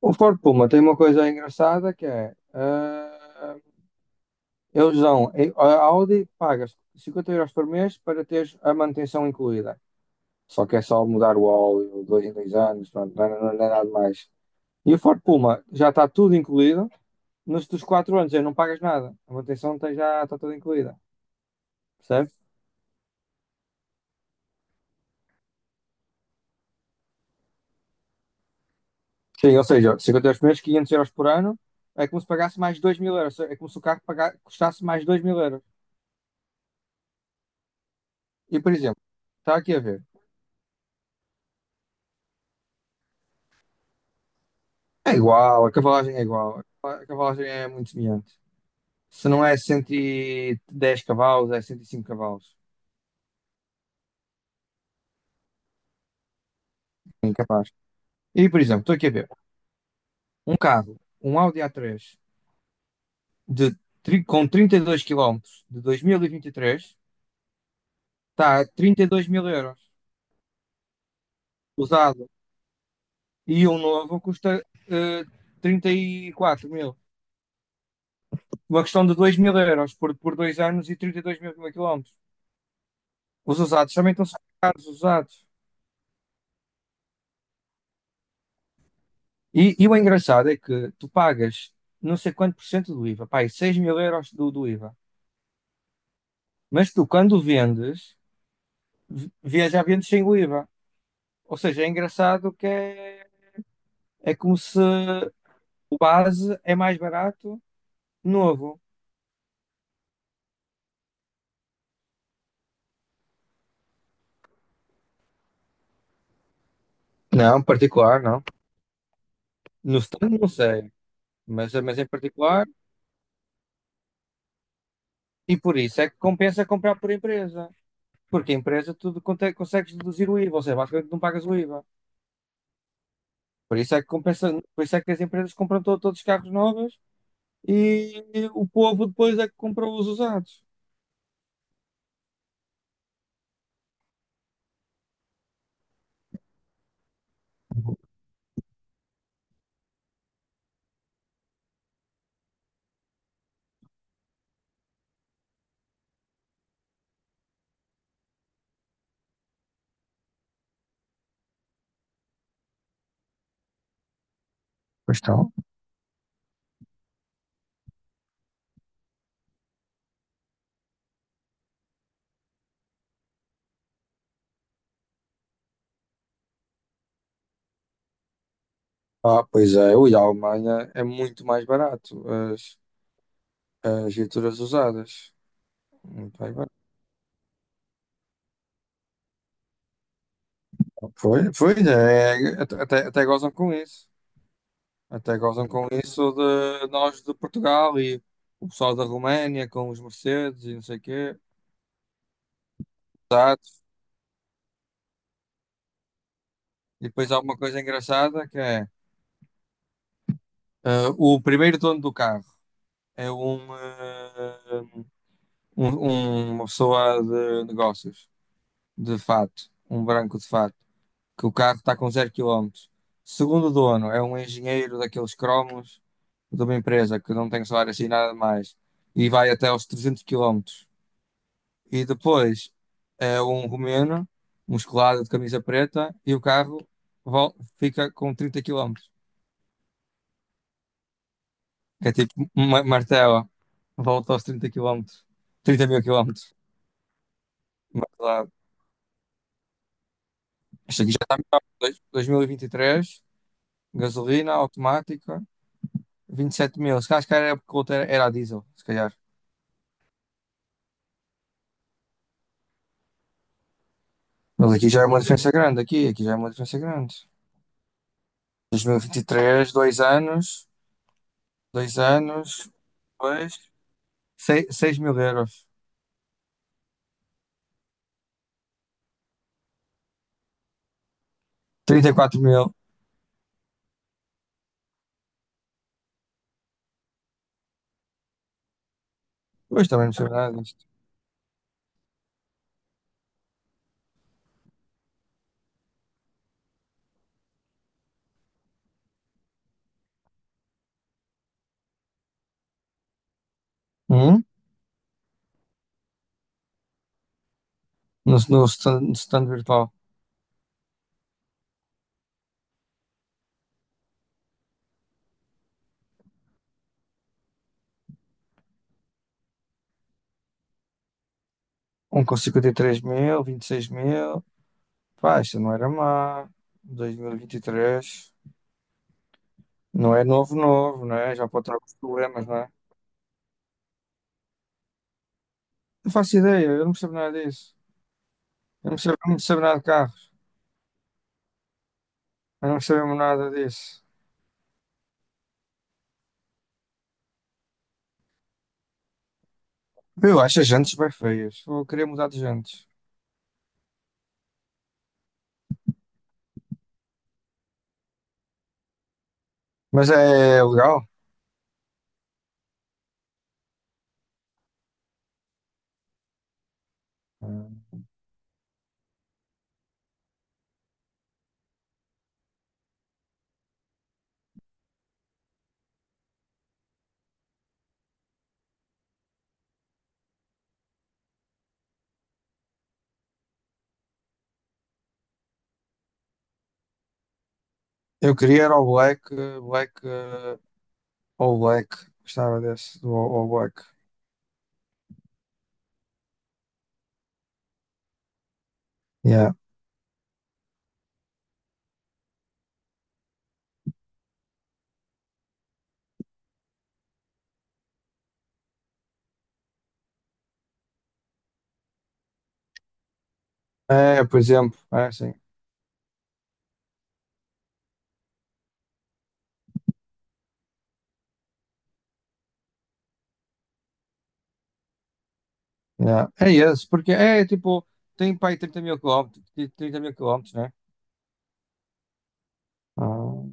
O Ford Puma tem uma coisa engraçada que é, eles dão, a Audi pagas 50 € por mês para teres a manutenção incluída. Só que é só mudar o óleo, dois em dois anos, pronto, não, não é nada mais. E o Ford Puma já está tudo incluído, nos dos 4 anos aí não pagas nada, a manutenção já está toda incluída, percebe? Sim, ou seja, 50 € por mês, 500 € por ano, é como se pagasse mais 2 mil euros, é como se o carro custasse mais 2 mil euros. E, por exemplo, está aqui a ver. É igual, a cavalagem é igual. A cavalagem é muito semelhante. Se não é 110 cavalos, é 105 cavalos. Incapaz. E, por exemplo, estou aqui a ver um carro, um Audi A3 de, com 32 km de 2023, está a 32 000 € usado. E um novo custa 34 000. Uma questão de 2000 € por 2 anos e 32 000 km. Os usados também estão super caros, os usados. E o engraçado é que tu pagas não sei quanto por cento do IVA, pá, 6000 € do IVA. Mas tu, quando vendes, vias já vendes sem o IVA. Ou seja, é engraçado que é como se o base é mais barato, novo. Não, particular, não. No stand não sei, mas em particular, e por isso é que compensa comprar por empresa. Porque a empresa tu consegues deduzir o IVA, ou seja, basicamente não pagas o IVA. Por isso é que compensa, por isso é que as empresas compram todos os carros novos e o povo depois é que compra os usados. Ah, pois é, ui, a Alemanha é muito mais barato as viaturas usadas. Muito mais barato. É, até gozam com isso. Até gozam com isso de nós de Portugal e o pessoal da Roménia com os Mercedes e não sei o quê. Exato. E depois há uma coisa engraçada que é o primeiro dono do carro é uma pessoa de negócios. De fato, um branco de fato, que o carro está com zero quilómetros. Segundo dono, é um engenheiro daqueles cromos de uma empresa que não tem salário assim nada mais e vai até aos 300 km. E depois é um romeno, musculado de camisa preta e o carro fica com 30 km. Que é tipo uma martela, volta aos 30 km, 30 000 km. Mas lá, isto aqui já está dois mil e vinte e três, gasolina automática. 27 mil. Se calhar, se calhar era porque o outro era a diesel, se calhar. Mas aqui já é uma diferença grande, aqui já é uma diferença grande. 2023, dois anos, depois, 6 mil euros. 34 000. Pois também não sei nada disto. Hum? No stand virtual. Um com 53 000, 26 000. Pá, isto não era má. 2023. Não é novo, novo, não é? Já pode ter alguns problemas, não é? Não faço ideia, eu não percebo nada disso. Eu não percebo, não percebo nada de carro. Eu não percebo nada disso. Eu acho as jantes bem feias. Eu queria mudar de jantes. Mas é legal. Eu queria era o black, black, all black. Gostava desse, do all black. Yeah. É, por exemplo, é assim. Yeah. É esse, porque é tipo, tem para aí 30 mil quilómetros, 30 mil quilómetros, né? Ah,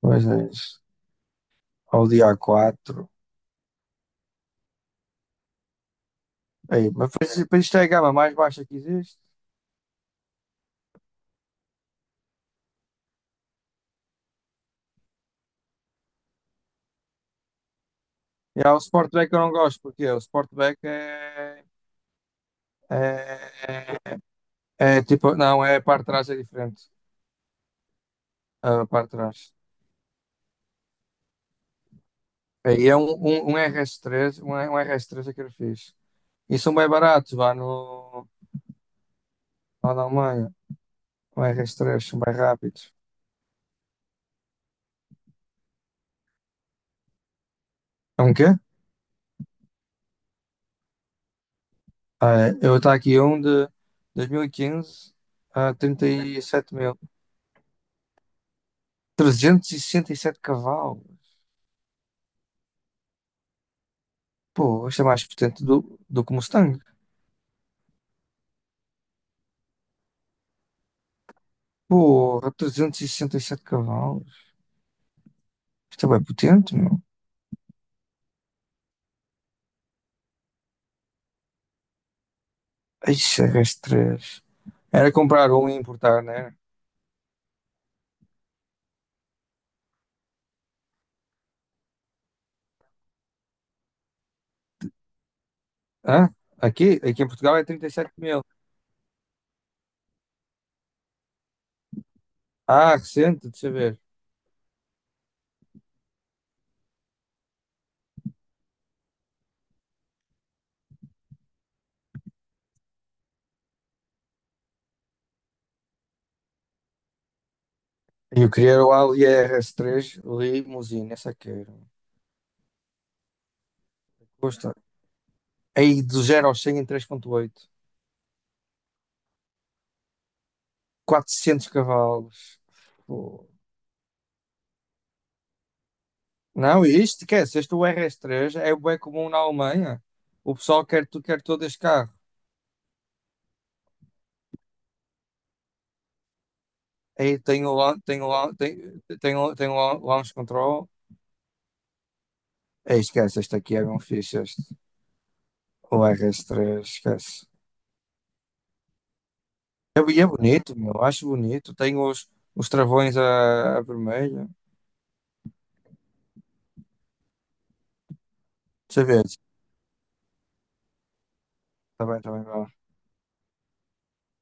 pois é isso. Ao dia quatro. Aí, mas pois isto é a gama mais baixa que existe. E há o Sportback que eu não gosto, porque o Sportback é. É, é é, tipo, não, é a parte de trás é diferente. A parte de trás. Aí é um RS3, um RS3 é que eu fiz. E são bem baratos, vá no, lá na Alemanha. Um RS3, são bem rápidos. É um quê? Ah, é, eu estou aqui um de 2015 a 37 mil. 367 cavalos. Pô, isto é mais potente do que o Mustang. Porra, 367 cavalos. Isto é bem potente, meu. Ixi, as três. Era comprar um e importar, né? Hã? Aqui em Portugal é trinta e sete mil. Ah, recente, deixa eu ver. E eu queria era o Audi RS3 Limousine, essa quero. Custa. Aí do zero ao 100 em 3,8. 400 cavalos. Pô. Não, e isto esquece. Este o RS três é bem comum na Alemanha. O pessoal quer, quer todo este carro. Aí tem o launch control. Aí esquece, este aqui é bem fixe. Este. O RS3, esquece. É, e é bonito, meu, acho bonito. Tem os travões a vermelho. Deixa eu ver. Tá bem, tá bem.